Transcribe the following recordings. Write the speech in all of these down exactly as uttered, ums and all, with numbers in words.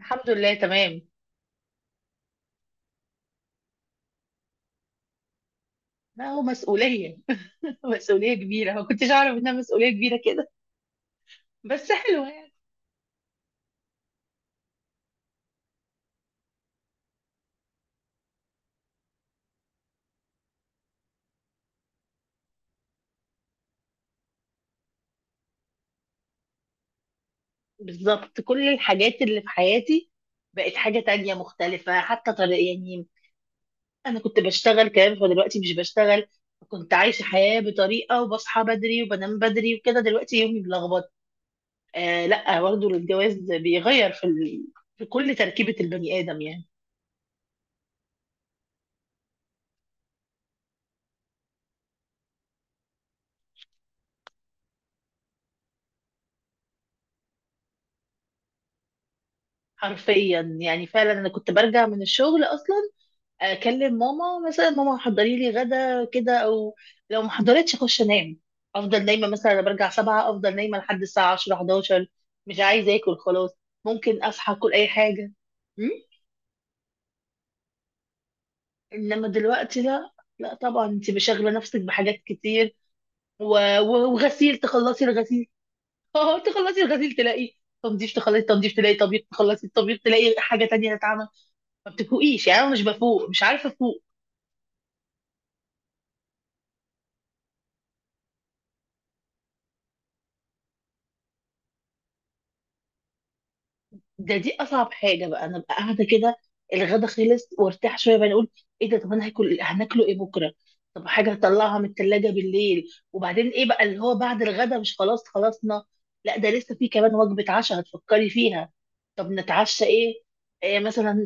الحمد لله تمام. لا هو مسؤولية. مسؤولية كبيرة، ما كنتش أعرف إنها مسؤولية كبيرة كده، بس حلوة يعني. بالظبط كل الحاجات اللي في حياتي بقت حاجة تانية مختلفة، حتى طريقة يعني. أنا كنت بشتغل كمان فدلوقتي مش بشتغل. كنت عايشة حياة بطريقة وبصحى بدري وبنام بدري وكده، دلوقتي يومي ملخبط. آه لا برضه الجواز بيغير في ال... في كل تركيبة البني آدم يعني. حرفيا يعني، فعلا أنا كنت برجع من الشغل أصلا اكلم ماما مثلا، ماما حضري لي غدا كده او لو ما حضرتش اخش انام. افضل نايمه، مثلا انا برجع سبعة افضل نايمه لحد الساعه عشرة احد عشر، مش عايزه اكل خلاص، ممكن اصحى اكل اي حاجه. م? انما دلوقتي لا. لا طبعا انت مشغله نفسك بحاجات كتير، و... و... وغسيل، تخلصي الغسيل. اه تخلصي الغسيل تلاقي تنظيف، تخلصي تنظيف تلاقي طبيب، تخلصي الطبيب تلاقي حاجه تانية تتعمل. ما بتفوقيش يعني، انا مش بفوق، مش عارفه افوق. ده دي اصعب حاجه بقى، انا بقى قاعده كده، الغدا خلص وارتاح شويه بقى اقول ايه ده؟ طب انا هاكل هناكله ايه بكره؟ طب حاجه هطلعها من الثلاجه بالليل. وبعدين ايه بقى اللي هو بعد الغدا؟ مش خلاص خلصنا؟ لا ده لسه في كمان وجبه عشاء هتفكري فيها. طب نتعشى ايه، إيه مثلا.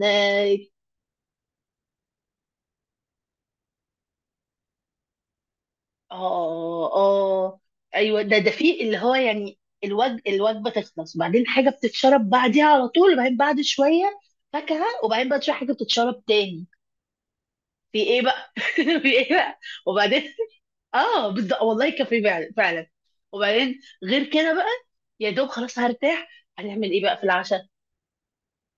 اه اه آه، ايوه ده ده في اللي هو يعني، الوج الوجبه تخلص وبعدين حاجه بتتشرب بعديها على طول، وبعدين بعد شويه فاكهه، وبعدين بعد شويه حاجه بتتشرب تاني. في ايه بقى؟ في ايه بقى؟ وبعدين اه بالظبط، والله كافيه فعلا فعلا. وبعدين غير كده بقى، يا دوب خلاص هرتاح، هنعمل ايه بقى في العشاء؟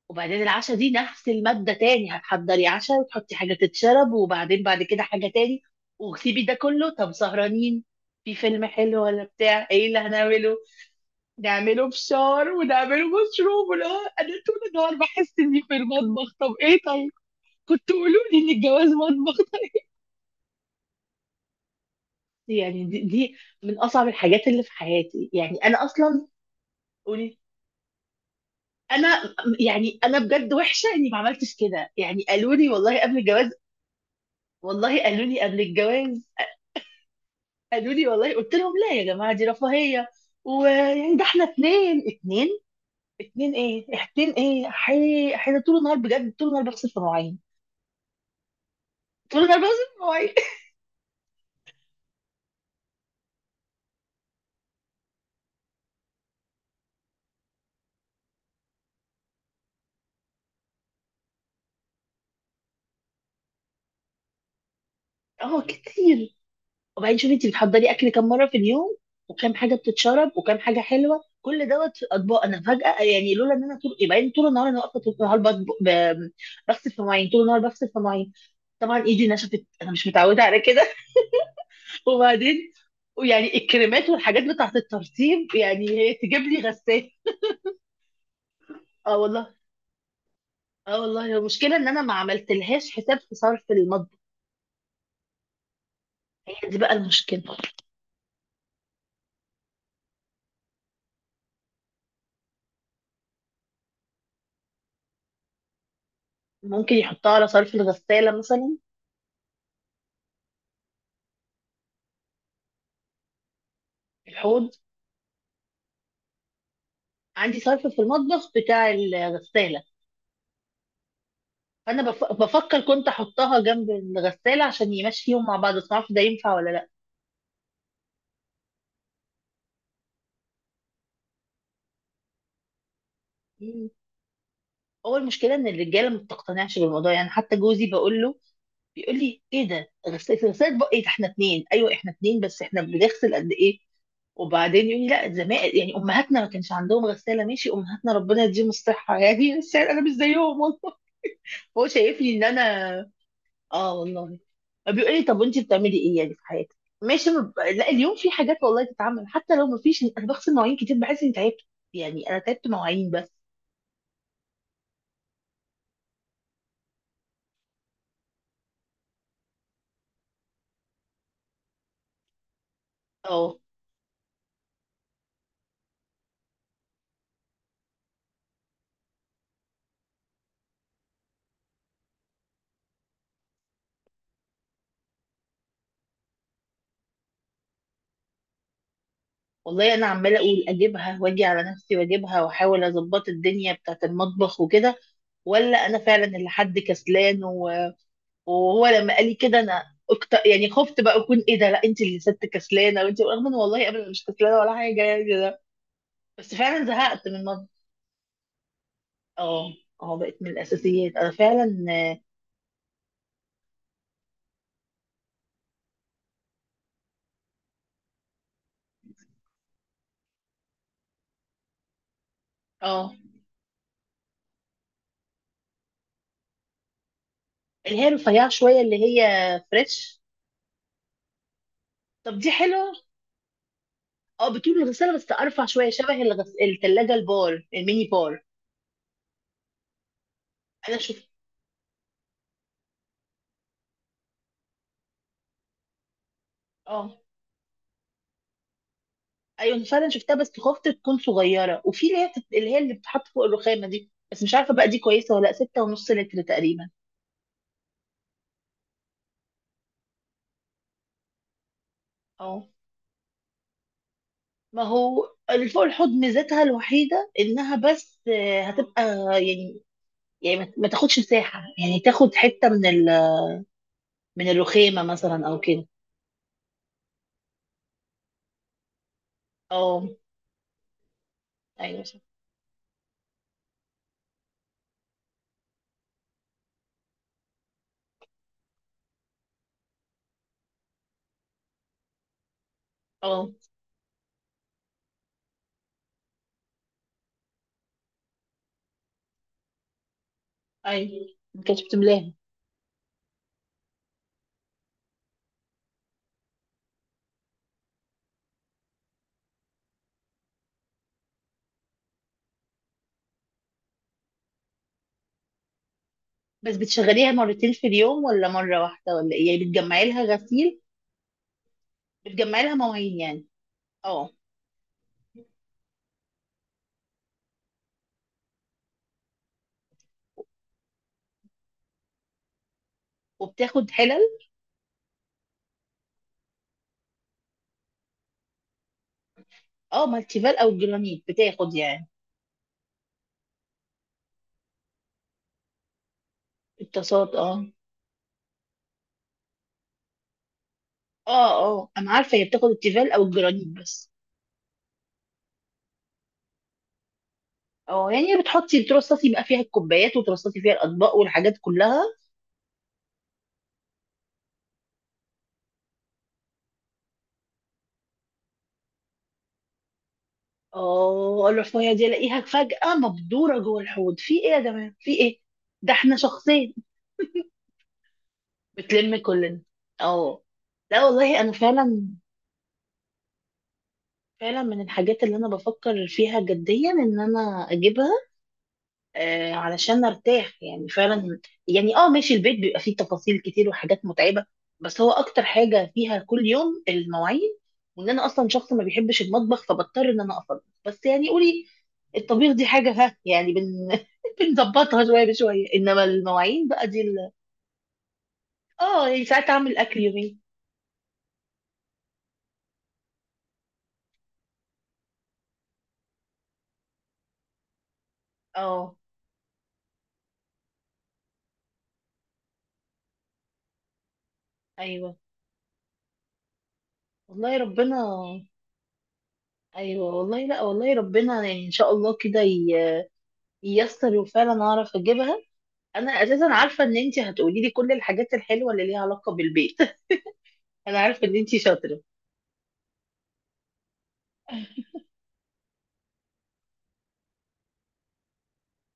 وبعدين العشاء دي نفس المادة تاني، هتحضري عشاء وتحطي حاجة تتشرب وبعدين بعد كده حاجة تاني. وسيبي ده كله، طب سهرانين، في فيلم حلو ولا بتاع ايه اللي هنعمله؟ نعمله فشار ونعمله مشروب ولا؟ انا طول النهار بحس اني في المطبخ. طب ايه طيب؟ كنت قولوا لي ان الجواز مطبخ. يعني دي, دي من اصعب الحاجات اللي في حياتي يعني، انا اصلا. قولي. انا يعني انا بجد وحشه اني ما عملتش كده يعني، قالوا لي والله قبل الجواز، والله قالوا لي قبل الجواز، قالوا لي والله. قلت لهم لا يا جماعه دي رفاهيه، ويعني ده احنا اتنين اتنين. اتنين ايه اتنين ايه، حي... احنا طول النهار بجد، طول النهار بغسل في مواعين، طول النهار بغسل في مواعين. اه كتير. وبعدين شوفي انت بتحضري اكل كام مره في اليوم، وكام حاجه بتتشرب، وكام حاجه حلوه، كل دوت في الاطباق. انا فجاه يعني لولا ان انا طول، يبقى طول النهار انا واقفه طول النهار بطبخ- ب- بغسل في مواعين، طول النهار بغسل في مواعين. طبعا ايدي نشفت، انا مش متعوده على كده. وبعدين ويعني الكريمات والحاجات بتاعت الترطيب، يعني هي تجيب لي غسالة. اه والله. اه والله، هي المشكله ان انا ما عملتلهاش حساب في صرف المطبخ، هي دي بقى المشكله. ممكن يحطها على صرف الغساله مثلا. الحوض، عندي صرف في المطبخ بتاع الغسالة. فأنا بف... بفكر كنت أحطها جنب الغسالة عشان يمشيهم مع بعض، بس معرفش ده ينفع ولا لأ. مم. هو المشكلة إن الرجالة ما بتقتنعش بالموضوع يعني، حتى جوزي بقول له، بيقول لي إيه ده؟ غسالة؟ غسالة بقى إيه ده؟ إحنا اتنين. أيوه إحنا اتنين بس إحنا بنغسل قد إيه. وبعدين يقول لي لا، زمان يعني أمهاتنا ما كانش عندهم غسالة. ماشي، أمهاتنا ربنا يديهم الصحة يعني، بس يعني أنا مش زيهم والله. هو شايفني إن أنا. اه والله. بيقول لي طب وانت بتعملي ايه يعني في حياتك؟ ماشي، ما ب- لا، اليوم في حاجات والله تتعمل، حتى لو ما فيش انا بغسل مواعين كتير بحس اني تعبت يعني. انا تعبت مواعين بس. اه والله انا عماله اقول اجيبها واجي على نفسي واجيبها، واحاول اظبط الدنيا بتاعت المطبخ وكده، ولا انا فعلا اللي حد كسلان و... وهو لما قال لي كده انا أكت... يعني خفت بقى اكون ايه ده، لا انت اللي ست كسلانه. وانت رغم ان والله ابدا مش كسلانه ولا حاجه يعني ده. بس فعلا زهقت من المطبخ. اه اه بقت من الاساسيات انا فعلا. اه اللي هي رفيعة شوية، اللي هي فريش. طب دي حلوة. اه بتقول الغسالة بس ارفع شوية، شبه الغس... التلاجة البار، الميني بار. انا شفت. اه ايوه أنا فعلا شفتها بس خفت تكون صغيرة، وفي اللي هي بتت... اللي هي اللي بتتحط فوق الرخامة دي، بس مش عارفة بقى دي كويسة ولا لأ. ستة ونص لتر تقريبا. اه ما هو اللي فوق الحوض ميزتها الوحيدة انها بس آه، هتبقى يعني، يعني ما ما تاخدش مساحة يعني، تاخد حتة من ال... من الرخامة مثلا او كده. اه ايوه صح. اه اي ما كانتش بتملاها. بس بتشغليها مرتين في اليوم ولا مرة واحدة ولا ايه يعني؟ بتجمعي لها غسيل؟ بتجمعي لها مواعين يعني. اه وبتاخد حلل؟ اه مالتيفال او الجرانيت بتاخد يعني. الطاسات. اه اه. اه انا عارفة، هي بتاخد التيفال او الجرانيت بس. اه يعني بتحطي ترصصي بقى فيها الكوبايات، وترصصي فيها الاطباق والحاجات كلها. اه الرفاهية دي الاقيها فجأة مبدورة جوه الحوض، في ايه يا جماعة، في ايه؟ ده احنا شخصين. بتلم كلنا. اه. لا والله انا فعلا، فعلا من الحاجات اللي انا بفكر فيها جديا ان انا اجيبها آه علشان ارتاح يعني فعلا. يعني اه ماشي، البيت بيبقى فيه تفاصيل كتير وحاجات متعبة، بس هو اكتر حاجة فيها كل يوم المواعين. وان انا اصلا شخص ما بيحبش المطبخ، فبضطر ان انا اطبخ بس. يعني قولي، الطبيخ دي حاجة ها يعني بن بنظبطها شوية بشوية، انما المواعين بقى دي ال-. اه يعني ساعات اعمل اكل يومين. اه ايوه والله ربنا، ايوه والله. لا والله ربنا يعني ان شاء الله كده ي- ييسر وفعلا اعرف اجيبها. انا اساسا عارفه ان انتي هتقولي لي كل الحاجات الحلوه اللي ليها علاقه بالبيت، انا عارفه ان انتي شاطره.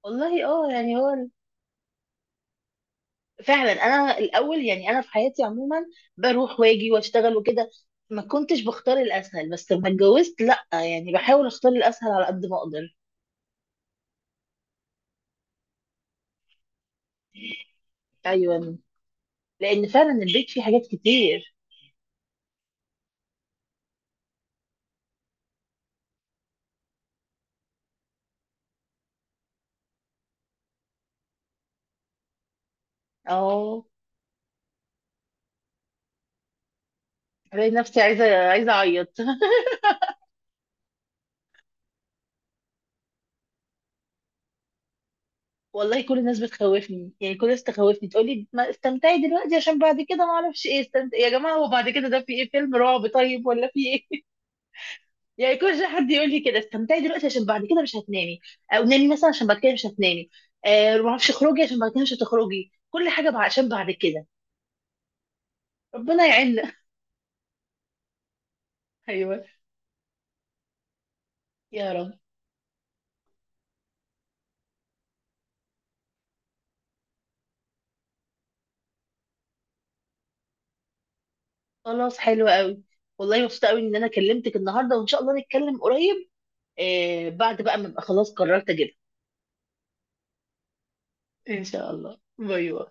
والله اه، يعني هو ال-. فعلا انا الاول يعني، انا في حياتي عموما بروح واجي واشتغل وكده، ما كنتش بختار الاسهل، بس لما اتجوزت لا يعني بحاول اختار الاسهل على قد ما اقدر. ايوه، لان فعلا البيت فيه حاجات كتير. اه بلاقي نفسي عايزه عايزه اعيط. والله كل الناس بتخوفني يعني، كل الناس تخوفني تقول لي ما استمتعي دلوقتي عشان بعد كده ما اعرفش ايه. استمتعي يا جماعه، هو بعد كده ده في ايه، فيلم رعب طيب ولا في ايه؟ يعني كل شويه حد يقول لي كده استمتعي دلوقتي عشان بعد كده مش هتنامي، او نامي مثلا عشان بعد كده مش هتنامي، آه ما اعرفش اخرجي عشان بعد كده مش هتخرجي، كل حاجه بع- عشان بعد كده. ربنا يعيننا. ايوه. يا رب. خلاص حلو قوي. والله مبسوطه قوي ان انا كلمتك النهارده، وان شاء الله نتكلم قريب آه بعد بقى ما ابقى خلاص قررت اجيبها. ان شاء الله. باي باي.